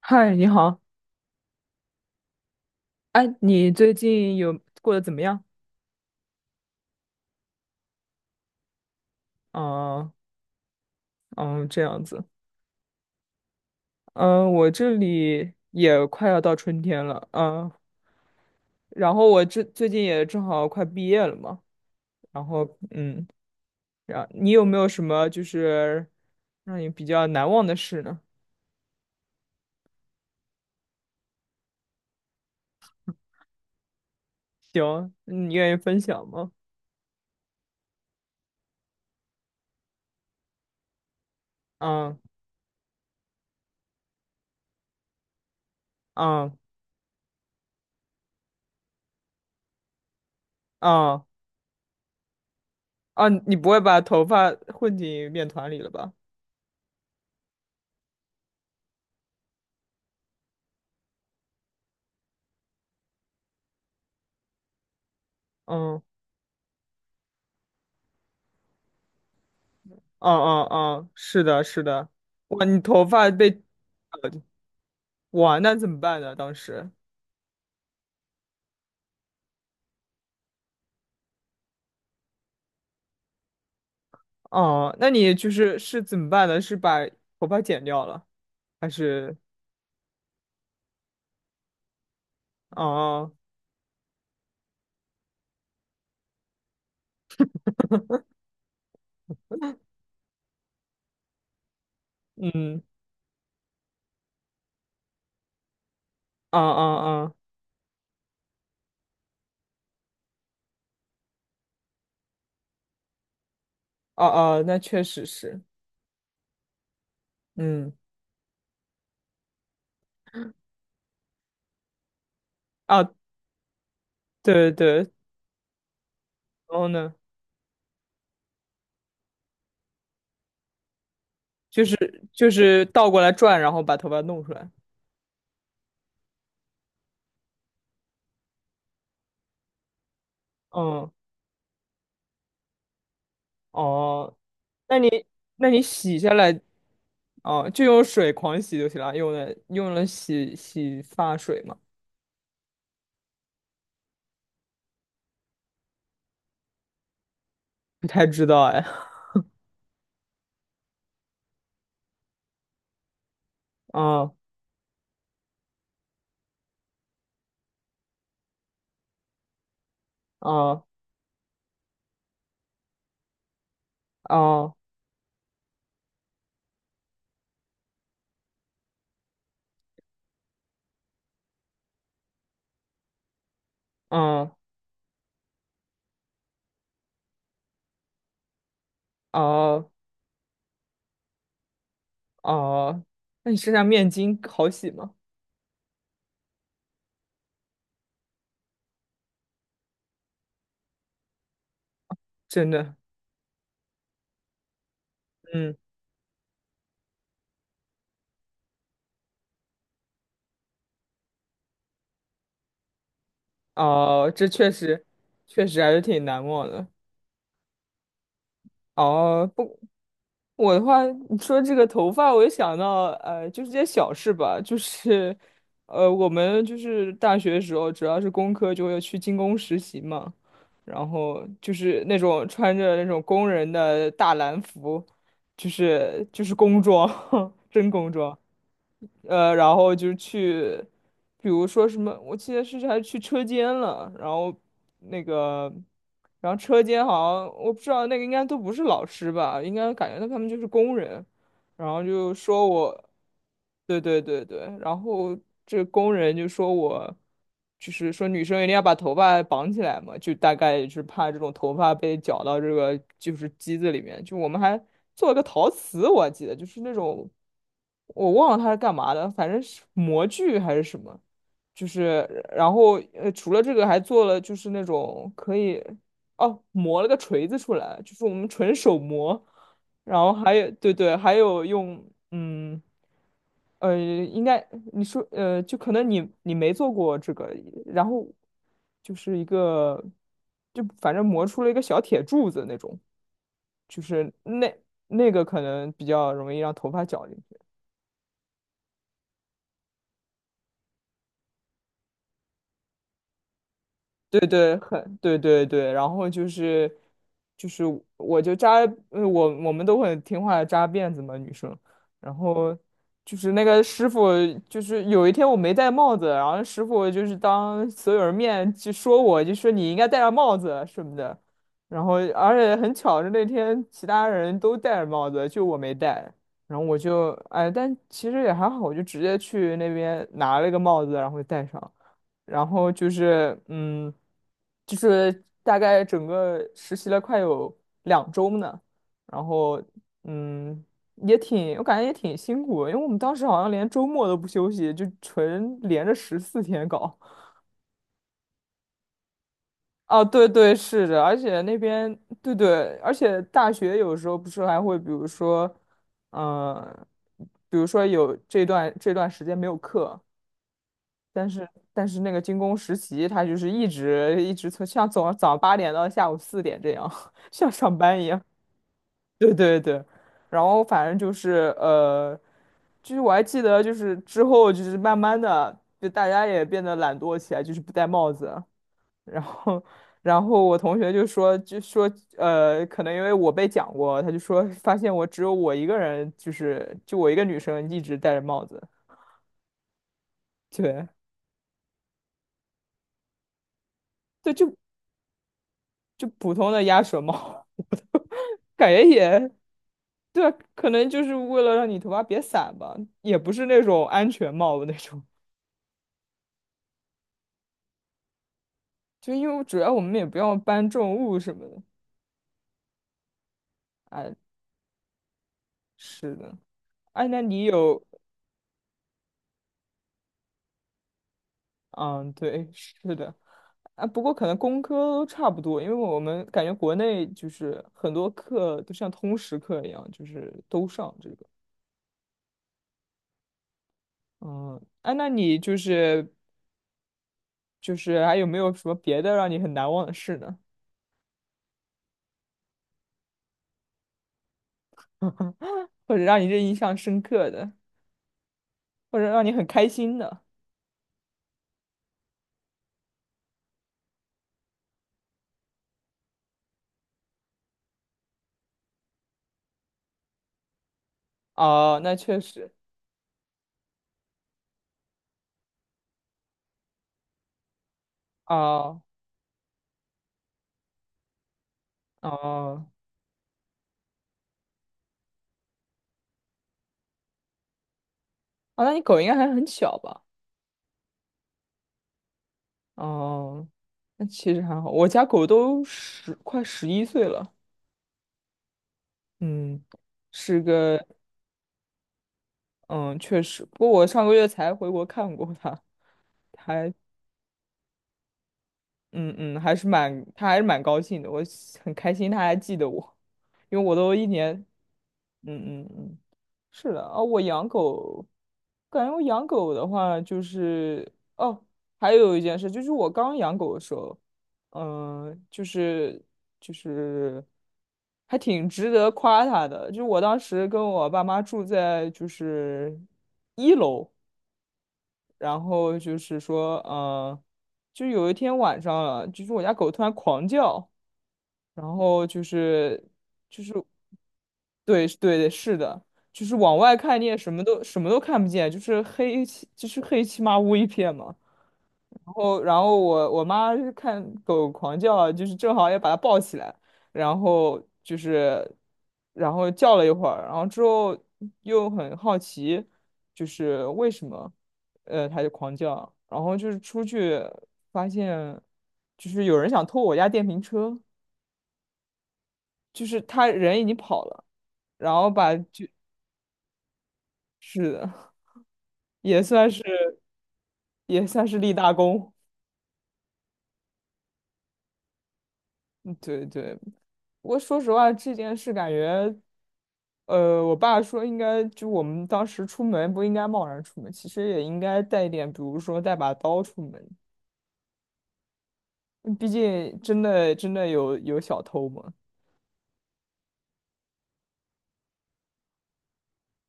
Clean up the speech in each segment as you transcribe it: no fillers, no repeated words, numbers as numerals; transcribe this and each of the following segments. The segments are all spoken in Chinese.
嗨，你好，哎，你最近有过得怎么样？嗯嗯，这样子，嗯，我这里也快要到春天了，然后我这最近也正好快毕业了嘛，然后然你有没有什么就是让你比较难忘的事呢？行，你愿意分享吗？嗯嗯嗯。啊，你不会把头发混进面团里了吧？嗯嗯嗯嗯，是的，是的。哇，你头发被呃哇，那怎么办呢？当时，哦，那你就是怎么办呢？是把头发剪掉了，还是？哦，嗯，啊啊啊，哦哦，那确实是，嗯，啊，对对对，然后呢，就是倒过来转，然后把头发弄出来。嗯，哦，那你那你洗下来，哦，就用水狂洗就行了，用了洗洗发水吗？不太知道哎。哦哦哦哦。嗯。哦哦，那你身上面巾好洗吗？真的，嗯，哦，这确实，确实还是挺难忘的。哦，不，我的话，你说这个头发，我就想到，就是这些小事吧，就是，我们就是大学的时候，主要是工科，就会去精工实习嘛，然后就是那种穿着那种工人的大蓝服，就是工装，真工装。然后就是去，比如说什么，我记得是还去车间了，然后那个，然后车间好像我不知道那个应该都不是老师吧，应该感觉到他们就是工人，然后就说我，对对对对，然后这工人就说我，就是说女生一定要把头发绑起来嘛，就大概是怕这种头发被绞到这个就是机子里面，就我们还做了个陶瓷，我还记得就是那种。我忘了它是干嘛的，反正是模具还是什么，就是然后除了这个还做了就是那种可以哦磨了个锤子出来，就是我们纯手磨，然后还有对对，还有用嗯应该你说就可能你没做过这个，然后就是一个就反正磨出了一个小铁柱子那种，就是那个可能比较容易让头发绞。对对，很对对对，然后就是我就扎，我们都很听话的扎辫子嘛，女生，然后就是那个师傅，就是有一天我没戴帽子，然后师傅就是当所有人面就说我，就说你应该戴上帽子什么的，然后而且很巧是那天其他人都戴着帽子，就我没戴，然后我就哎，但其实也还好，我就直接去那边拿了个帽子，然后戴上。然后就是就是大概整个实习了快有2周呢，然后嗯，也挺，我感觉也挺辛苦的因为我们当时好像连周末都不休息，就纯连着14天搞。啊，对对，是的，而且那边，对对，而且大学有时候不是还会，比如说，嗯、比如说有这段时间没有课，但是那个军工实习，他就是一直一直从像从早上8点到下午4点这样，像上班一样。对对对，然后反正就是就是我还记得，就是之后就是慢慢的，就大家也变得懒惰起来，就是不戴帽子。然后我同学就说可能因为我被讲过，他就说发现我只有我一个人，就是就我一个女生一直戴着帽子，对对，就普通的鸭舌帽。感觉也对啊可能就是为了让你头发别散吧，也不是那种安全帽的那种，就因为主要我们也不要搬重物什么的。哎，是的，哎，那你有，嗯，对，是的，啊，不过可能工科都差不多，因为我们感觉国内就是很多课都像通识课一样，就是都上这个。嗯，哎，那你就是还有没有什么别的让你很难忘的事呢？或者让你这印象深刻的？或者让你很开心的。哦，那确实。哦哦。啊，那你狗应该还很小吧？哦，那其实还好。我家狗都十快11岁了。嗯，是个嗯，确实。不过我上个月才回国看过它，还。嗯嗯，还是蛮，他还是蛮高兴的，我很开心他还记得我，因为我都1年，嗯嗯嗯，是的，啊，我养狗，感觉我养狗的话就是，哦，还有一件事就是我刚养狗的时候，嗯，就是就是还挺值得夸它的，就是我当时跟我爸妈住在就是1楼。然后就是说，就有一天晚上了，就是我家狗突然狂叫，然后就是对对对，是的，就是往外看你也什么都什么都看不见，就是黑漆麻乌一片嘛。然后我妈是看狗狂叫啊就是正好也把它抱起来，然后就是，然后叫了一会儿，然后之后又很好奇，就是为什么，它就狂叫啊，然后就是出去发现，就是有人想偷我家电瓶车，就是他人已经跑了，然后把就是的，也算是也算是立大功，嗯对对，不过说实话，这件事感觉，我爸说应该就我们当时出门不应该贸然出门，其实也应该带一点，比如说带把刀出门，嗯毕竟真的真的有小偷嘛。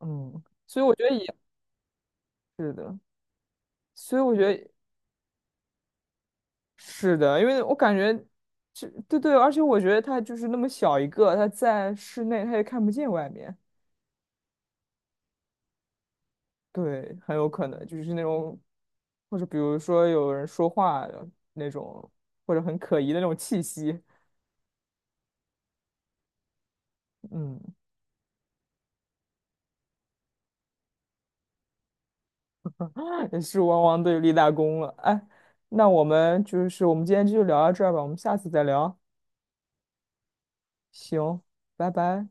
嗯，所以我觉得也是的，所以我觉得是的，因为我感觉这对对，而且我觉得他就是那么小一个，他在室内他也看不见外面。对，很有可能就是那种，或者比如说有人说话的那种，或者很可疑的那种气息，嗯，也是汪汪队立大功了。哎，那我们今天就聊到这儿吧，我们下次再聊。行，拜拜。